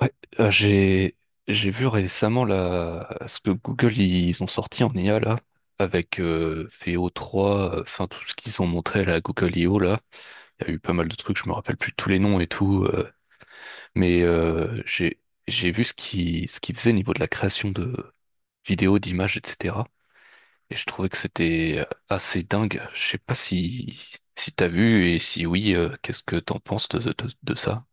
Ouais, euh, j'ai j'ai vu récemment là ce que Google ils ont sorti en IA là avec VO3, enfin tout ce qu'ils ont montré là, à la Google I.O. là. Il y a eu pas mal de trucs, je me rappelle plus tous les noms et tout, mais j'ai vu ce qu'ils faisaient au niveau de la création de vidéos, d'images, etc. Et je trouvais que c'était assez dingue. Je sais pas si t'as vu et si oui, qu'est-ce que t'en penses de ça?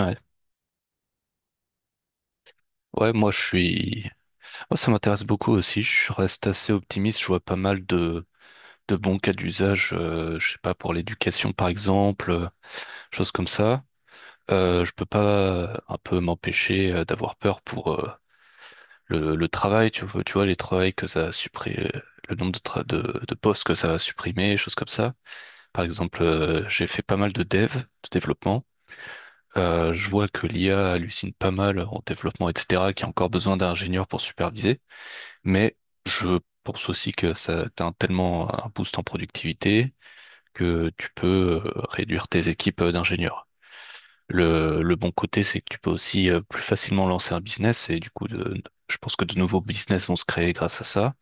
Ouais. Ouais, moi je suis. Moi, ça m'intéresse beaucoup aussi. Je reste assez optimiste. Je vois pas mal de bons cas d'usage, je sais pas, pour l'éducation, par exemple, choses comme ça. Je peux pas un peu m'empêcher d'avoir peur pour le travail, tu vois, les travails que ça a supprimé, le nombre de postes que ça va supprimer, choses comme ça. Par exemple, j'ai fait pas mal de développement. Je vois que l'IA hallucine pas mal en développement, etc., qu'il y a encore besoin d'ingénieurs pour superviser. Mais je pense aussi que ça t'as tellement un boost en productivité que tu peux réduire tes équipes d'ingénieurs. Le bon côté, c'est que tu peux aussi plus facilement lancer un business et du coup, je pense que de nouveaux business vont se créer grâce à ça.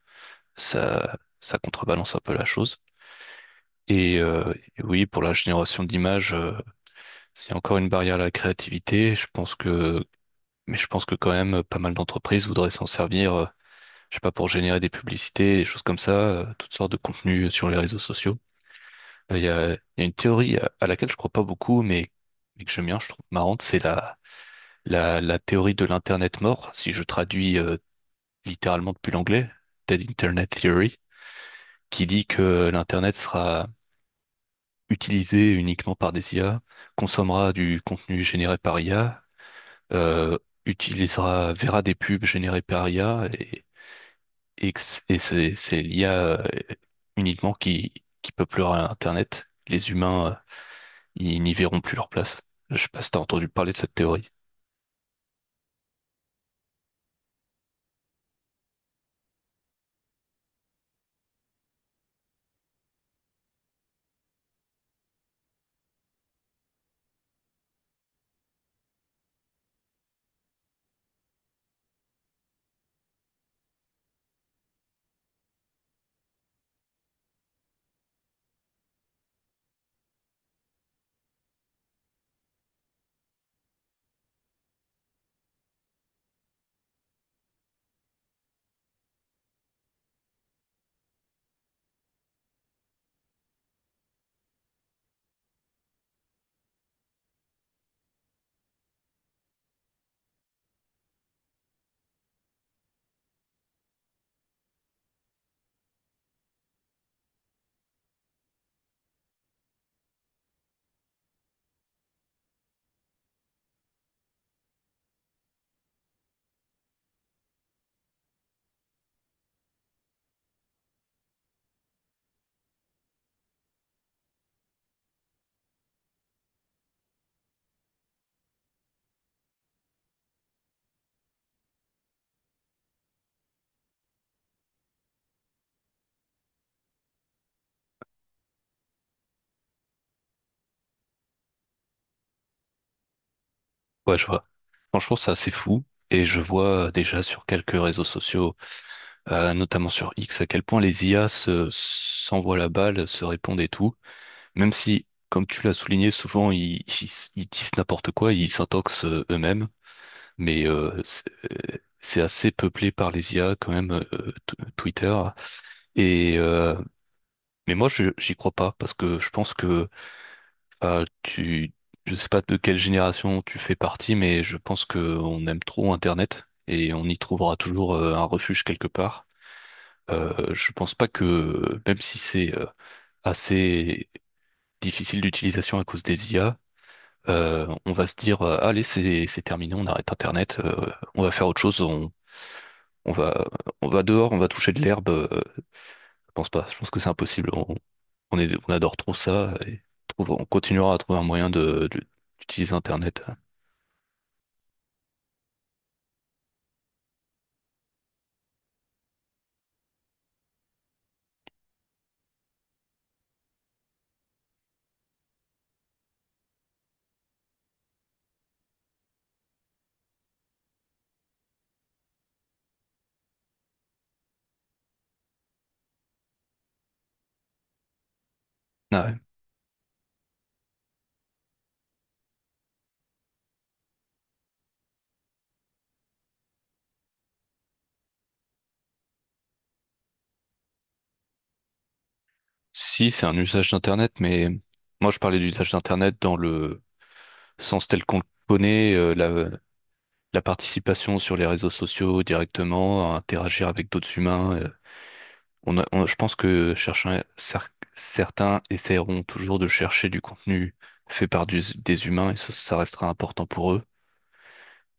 Ça contrebalance un peu la chose. Et oui, pour la génération d'images, c'est encore une barrière à la créativité. Mais je pense que quand même, pas mal d'entreprises voudraient s'en servir je sais pas, pour générer des publicités, des choses comme ça, toutes sortes de contenus sur les réseaux sociaux. Il y a une théorie à laquelle je crois pas beaucoup, mais que j'aime bien, je trouve marrante, c'est la théorie de l'Internet mort, si je traduis littéralement depuis l'anglais, Dead Internet Theory, qui dit que l'Internet sera utilisé uniquement par des IA, consommera du contenu généré par IA, euh, utilisera, verra des pubs générées par IA et c'est l'IA uniquement qui peuplera Internet. Les humains, ils n'y verront plus leur place. Je sais pas si t'as entendu parler de cette théorie. Ouais, je vois. Franchement, c'est assez fou. Et je vois déjà sur quelques réseaux sociaux, notamment sur X, à quel point les IA s'envoient la balle, se répondent et tout. Même si, comme tu l'as souligné, souvent ils disent n'importe quoi, ils s'intoxent eux-mêmes, mais c'est assez peuplé par les IA quand même, Twitter. Et euh, mais moi, je j'y crois pas parce que je pense que ah, tu, je sais pas de quelle génération tu fais partie, mais je pense que on aime trop Internet et on y trouvera toujours un refuge quelque part. Je pense pas que même si c'est assez difficile d'utilisation à cause des IA on va se dire, allez, c'est terminé, on arrête Internet, on va faire autre chose, on va, on va, dehors, on va toucher de l'herbe. Je pense pas, je pense que c'est impossible. On adore trop ça et on continuera à trouver un moyen d'utiliser Internet. Ah ouais. Si, c'est un usage d'Internet, mais moi je parlais d'usage d'Internet dans le sens tel qu'on le connaît, la participation sur les réseaux sociaux directement, à interagir avec d'autres humains. Je pense que certains essaieront toujours de chercher du contenu fait par des humains et ça restera important pour eux.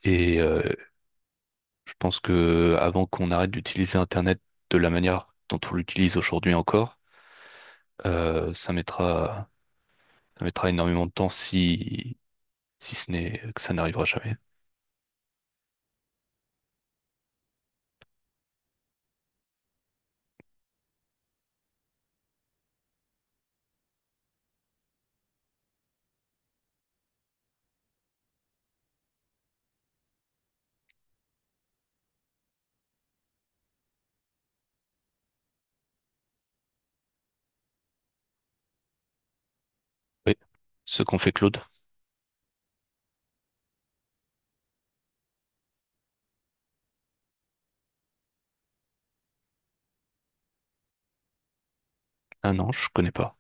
Et je pense que avant qu'on arrête d'utiliser Internet de la manière dont on l'utilise aujourd'hui encore, euh, ça mettra, ça mettra énormément de temps si ce n'est que ça n'arrivera jamais. Oui. Ce qu'on fait Claude? Ah non, je connais pas.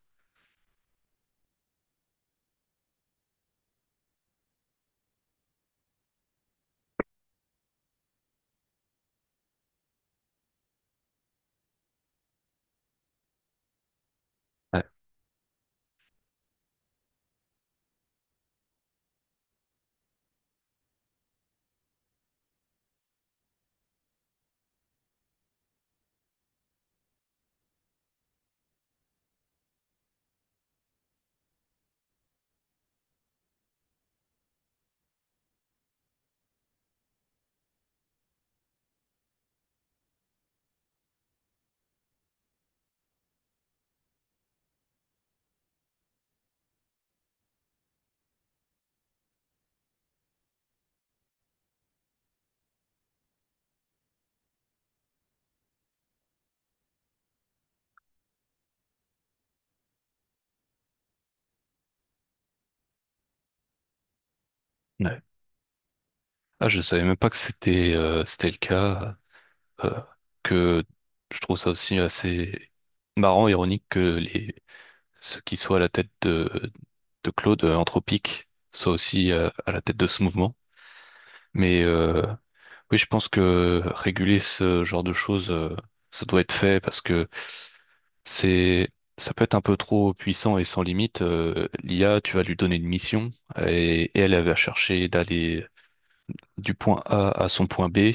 Ouais. Ouais. Ah, je savais même pas que c'était le cas. euh, que je trouve ça aussi assez marrant, ironique que les ceux qui soient à la tête de Claude Anthropique soient aussi à la tête de ce mouvement. Mais oui, je pense que réguler ce genre de choses, ça doit être fait parce que c'est ça peut être un peu trop puissant et sans limite. L'IA, tu vas lui donner une mission et elle, elle va chercher d'aller du point A à son point B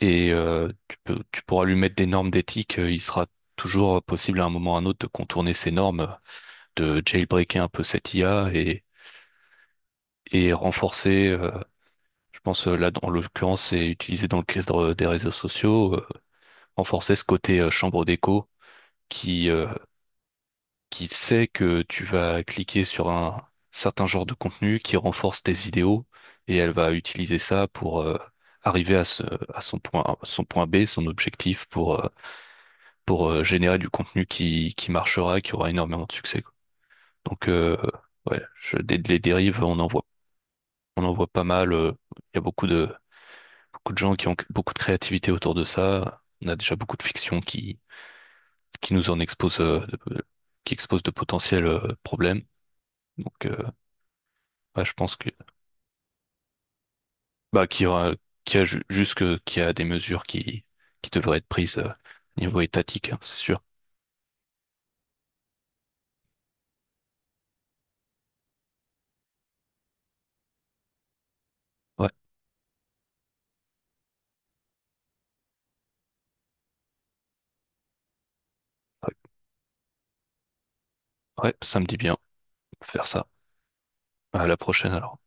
et tu pourras lui mettre des normes d'éthique. Il sera toujours possible à un moment ou à un autre de contourner ces normes, de jailbreaker un peu cette IA et renforcer, je pense là dans l'occurrence c'est utilisé dans le cadre des réseaux sociaux, renforcer ce côté chambre d'écho qui, euh, qui sait que tu vas cliquer sur un certain genre de contenu qui renforce tes idéaux et elle va utiliser ça pour arriver à son point, B, son objectif pour générer du contenu qui marchera, qui aura énormément de succès, quoi. Donc, ouais, les dérives, on en voit pas mal. Il y a beaucoup de gens qui ont beaucoup de créativité autour de ça. On a déjà beaucoup de fiction qui nous en expose, de- qui expose de potentiels problèmes. Donc, ouais, je pense que, bah, qu'il y aura, qu'il y a ju- juste que- qu'il y a des mesures qui devraient être prises niveau étatique, hein, c'est sûr. Ouais, ouais, ouais, ça me dit bien. Faire ça. À la prochaine alors.